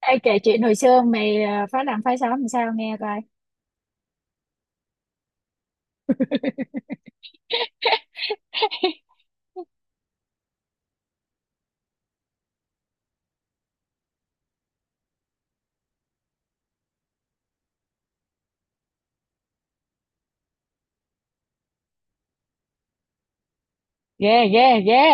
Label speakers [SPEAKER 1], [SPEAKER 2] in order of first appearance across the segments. [SPEAKER 1] Ê, kể chuyện hồi xưa mày phá làng phá xóm làm sao nghe coi. Ghê, ghê, ghê.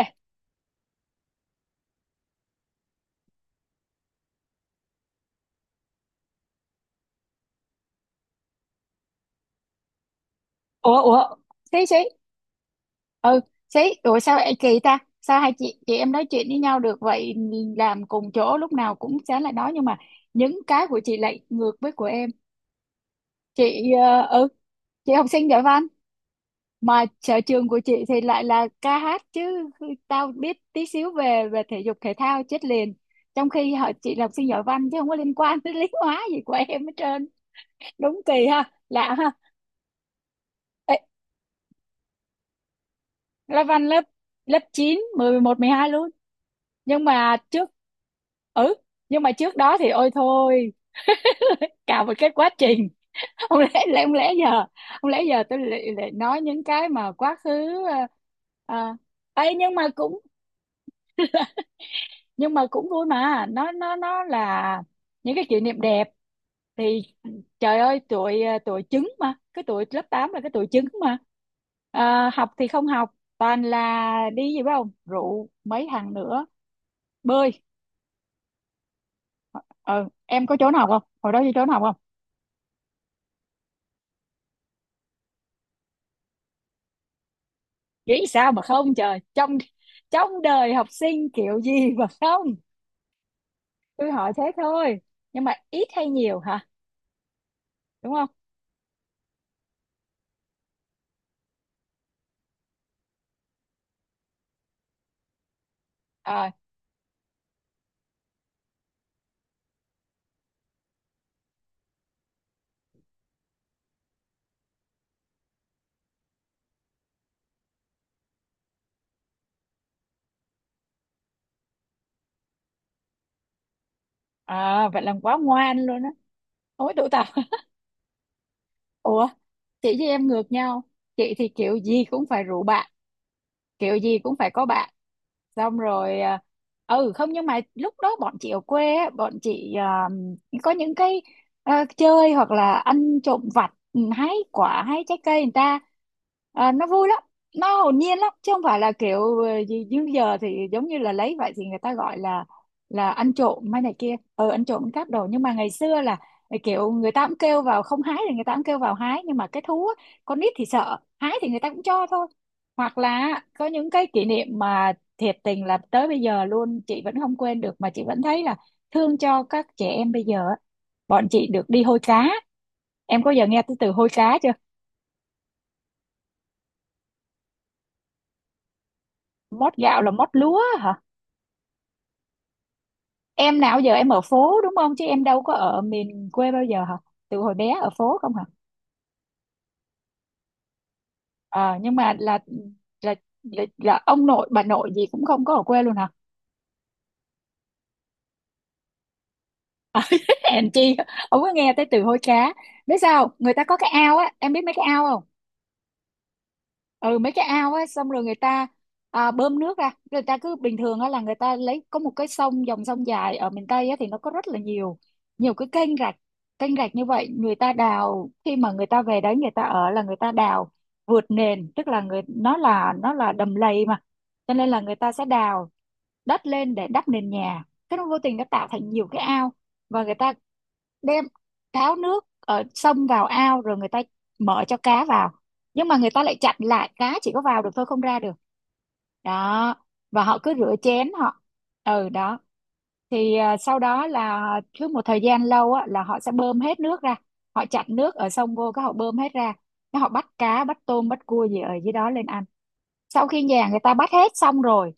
[SPEAKER 1] Ủa, ủa, xí, xí, ừ, xí, ủa sao ê, kỳ ta? Sao hai chị em nói chuyện với nhau được vậy, làm cùng chỗ lúc nào cũng sáng lại nói, nhưng mà những cái của chị lại ngược với của em. Chị, ờ, ừ, chị học sinh giỏi văn, mà sở trường của chị thì lại là ca hát chứ tao biết tí xíu về về thể dục thể thao chết liền. Trong khi họ chị là học sinh giỏi văn chứ không có liên quan tới lý hóa gì của em hết trơn. Đúng kỳ ha, lạ ha. Ê, lớp văn lớp lớp chín 10 11 12 luôn, nhưng mà trước. Ừ, nhưng mà trước đó thì ôi thôi. Cả một cái quá trình. không lẽ lẽ không lẽ giờ không lẽ giờ tôi lại nói những cái mà quá khứ à, à. Ấy, nhưng mà cũng, nhưng mà cũng vui mà, nó là những cái kỷ niệm đẹp thì trời ơi, tụi tụi trứng, mà cái tụi lớp 8 là cái tụi trứng mà. Học thì không học, toàn là đi gì biết không, rượu mấy thằng nữa, bơi. Ừ, em có trốn học không, hồi đó đi trốn học không? Nghĩ sao mà không, trời, trong trong đời học sinh kiểu gì mà không, tôi hỏi thế thôi. Nhưng mà ít hay nhiều hả? Đúng không? Ờ. À, vậy là quá ngoan luôn á. Ối, tụ tập. Ủa, chị với em ngược nhau. Chị thì kiểu gì cũng phải rủ bạn, kiểu gì cũng phải có bạn. Xong rồi à, ừ không, nhưng mà lúc đó bọn chị ở quê á, bọn chị à, có những cái, chơi hoặc là ăn trộm vặt, hái quả hái trái cây người ta. À, nó vui lắm, nó hồn nhiên lắm chứ không phải là kiểu gì như giờ, thì giống như là lấy vậy thì người ta gọi là ăn trộm hay này kia, ăn trộm cắp đồ, nhưng mà ngày xưa là kiểu người ta cũng kêu vào không hái thì người ta cũng kêu vào hái, nhưng mà cái thú á, con nít thì sợ, hái thì người ta cũng cho thôi. Hoặc là có những cái kỷ niệm mà thiệt tình là tới bây giờ luôn chị vẫn không quên được, mà chị vẫn thấy là thương cho các trẻ em bây giờ á. Bọn chị được đi hôi cá. Em có giờ nghe tới từ hôi cá chưa? Mót gạo là mót lúa hả? Em nào giờ em ở phố đúng không, chứ em đâu có ở miền quê bao giờ hả? Từ hồi bé ở phố không hả? Ờ, nhưng mà là, là ông nội bà nội gì cũng không có ở quê luôn hả? Hèn chi không có nghe tới từ hôi cá. Biết sao không? Người ta có cái ao á, em biết mấy cái ao không? Ừ, mấy cái ao ấy, xong rồi người ta, à, bơm nước ra, người ta cứ bình thường á là người ta lấy, có một cái sông, dòng sông dài ở miền Tây á thì nó có rất là nhiều, nhiều cái kênh rạch. Kênh rạch như vậy người ta đào, khi mà người ta về đấy người ta ở là người ta đào vượt nền, tức là người nó là, nó là đầm lầy mà, cho nên là người ta sẽ đào đất lên để đắp nền nhà, cái nó vô tình nó tạo thành nhiều cái ao. Và người ta đem tháo nước ở sông vào ao, rồi người ta mở cho cá vào, nhưng mà người ta lại chặn lại, cá chỉ có vào được thôi không ra được. Đó, và họ cứ rửa chén họ. Ừ, đó. Thì à, sau đó là cứ một thời gian lâu á là họ sẽ bơm hết nước ra, họ chặn nước ở sông vô cái họ bơm hết ra, cái họ bắt cá bắt tôm bắt cua gì ở dưới đó lên ăn. Sau khi nhà người ta bắt hết xong rồi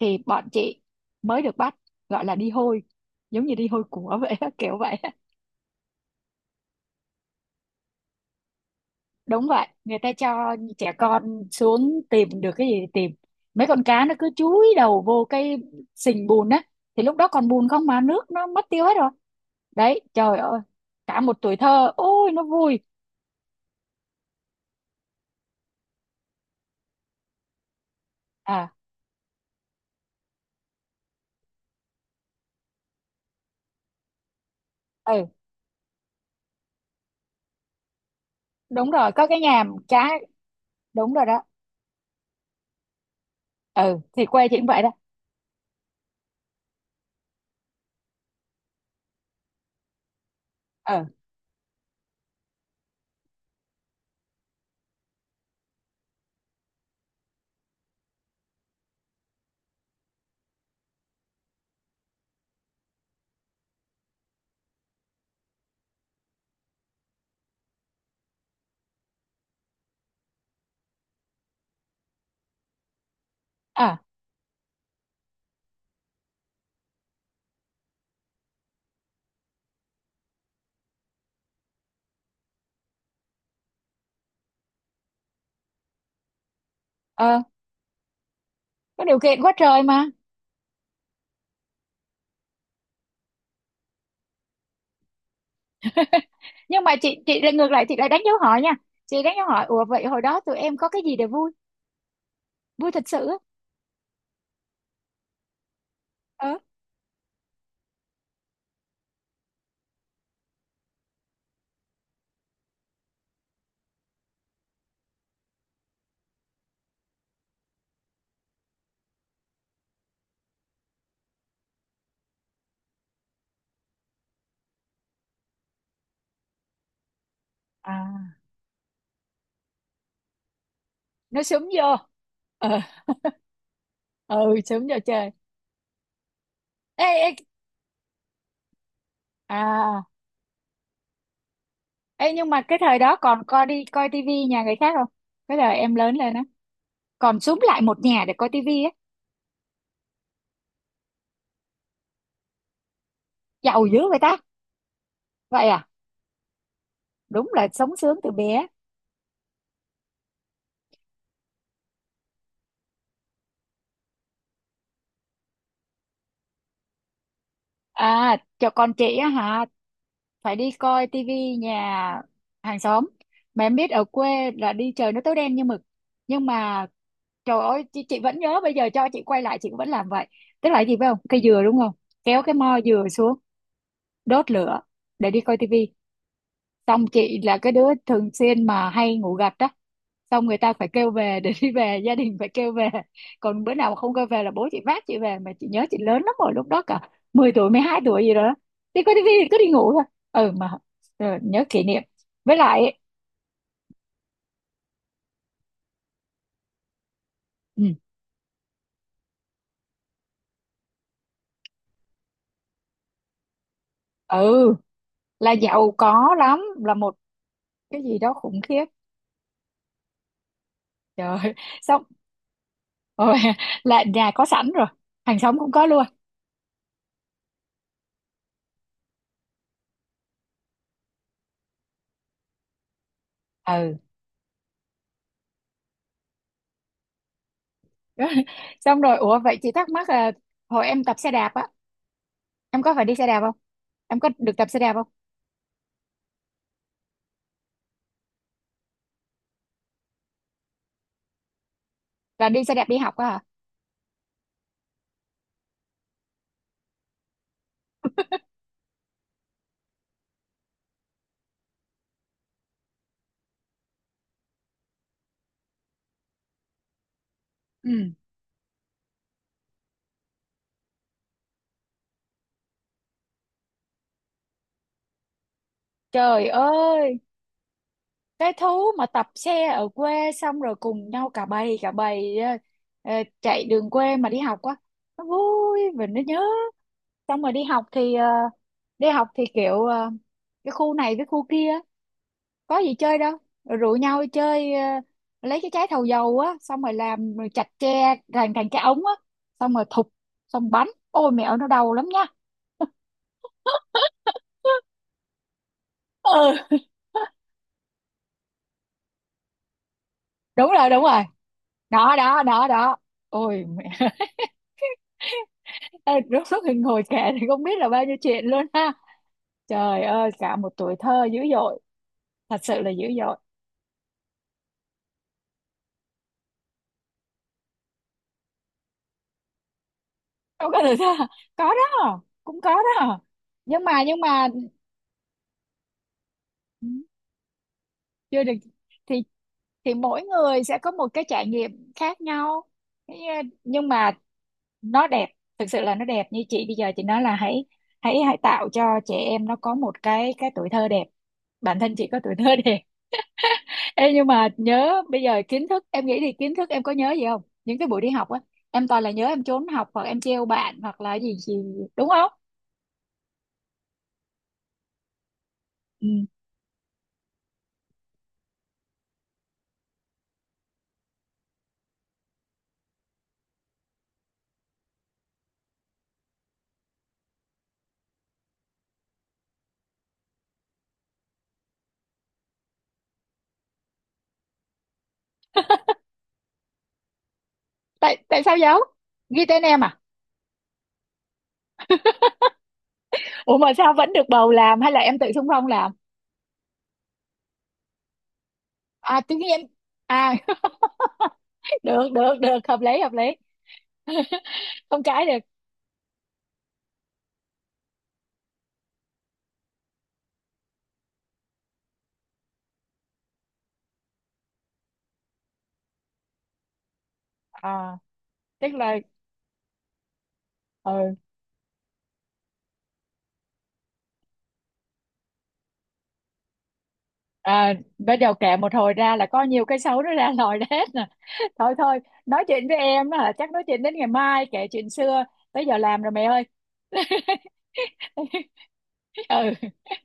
[SPEAKER 1] thì bọn chị mới được bắt, gọi là đi hôi, giống như đi hôi của vậy á, kiểu vậy. Đúng vậy, người ta cho trẻ con xuống, tìm được cái gì thì tìm. Mấy con cá nó cứ chúi đầu vô cái sình bùn á, thì lúc đó còn bùn không mà nước nó mất tiêu hết rồi. Đấy, trời ơi, cả một tuổi thơ, ôi nó vui. À, ừ, đúng rồi, có cái nhà cá. Đúng rồi đó. Ừ, thì quê chị cũng vậy đó. Ừ. À. Ờ, có điều kiện quá trời mà. Nhưng mà chị lại ngược lại, chị lại đánh dấu hỏi nha. Chị đánh dấu hỏi, ủa vậy hồi đó tụi em có cái gì để vui, vui thật sự á? Ờ. À, nó súng vô. Ờ. Ừ, sướng giờ trời. Ê, ê. À. Ê, nhưng mà cái thời đó còn coi, đi coi tivi nhà người khác không? Cái thời em lớn lên á, còn xúm lại một nhà để coi tivi á? Giàu dữ vậy ta. Vậy à? Đúng là sống sướng từ bé. À, cho con chị á hả, phải đi coi tivi nhà hàng xóm, mà em biết ở quê là đi trời nó tối đen như mực. Nhưng mà trời ơi, chị vẫn nhớ, bây giờ cho chị quay lại chị cũng vẫn làm vậy. Tức là cái gì phải không, cây dừa đúng không, kéo cái mo dừa xuống, đốt lửa để đi coi tivi. Xong chị là cái đứa thường xuyên mà hay ngủ gật á, xong người ta phải kêu về để đi về, gia đình phải kêu về. Còn bữa nào mà không kêu về là bố chị vác chị về, mà chị nhớ chị lớn lắm rồi lúc đó, cả 10 tuổi, 12 tuổi gì đó. Đi coi tivi thì cứ đi ngủ thôi. Ừ mà, ừ, nhớ kỷ niệm. Với lại ấy, ừ, ừ, là giàu có lắm, là một cái gì đó khủng khiếp. Trời. Xong rồi là nhà có sẵn rồi, hàng xóm cũng có luôn. Ừ. Rồi. Xong rồi ủa, vậy chị thắc mắc là hồi em tập xe đạp á, em có phải đi xe đạp không, em có được tập xe đạp không? Là đi xe đạp đi học á hả? Ừ, trời ơi, cái thú mà tập xe ở quê, xong rồi cùng nhau cả bầy, cả bầy ờ, ờ, chạy đường quê mà đi học á, nó vui và nó nhớ. Xong rồi đi học thì đi học thì kiểu cái khu này với khu kia, có gì chơi đâu, rồi rủ nhau đi chơi, lấy cái trái thầu dầu á, xong rồi làm rồi chặt tre thành, thành cái ống á, xong rồi thụp, xong bắn, ôi mẹo nó đau lắm nha. Ừ. Đúng rồi, đúng rồi, đó đó đó đó. Ôi mẹ. Ê, lúc xuất hiện ngồi kể thì không biết là bao nhiêu chuyện luôn ha, trời ơi cả một tuổi thơ dữ dội, thật sự là dữ dội. Không có được sao? Có đó, cũng có đó. Nhưng mà, nhưng mà ừ, chưa được. thì thì mỗi người sẽ có một cái trải nghiệm khác nhau. Thế, ờ, nhưng mà nó đẹp, thực sự là nó đẹp. Như chị bây giờ chị nói là hãy, hãy tạo cho trẻ em nó có một cái tuổi thơ đẹp. Bản thân chị có tuổi thơ đẹp. Ê, nhưng mà nhớ bây giờ kiến thức, em nghĩ thì kiến thức em có nhớ gì không, những cái buổi đi học á, em toàn là nhớ em trốn học hoặc em trêu bạn hoặc là gì gì, đúng không? Ừ. Tại, tại sao giấu, ghi tên em à? Ủa mà sao vẫn được bầu làm, hay là em tự xung phong làm? À, tự nhiên à. Được được được, hợp lý hợp lý. Không cãi được. À, tức là, ừ. À, bắt đầu kể một hồi ra là có nhiều cái xấu nó ra lòi ra hết nè. Thôi thôi, nói chuyện với em á hả, chắc nói chuyện đến ngày mai, kể chuyện xưa, tới giờ làm rồi mẹ ơi. Ừ.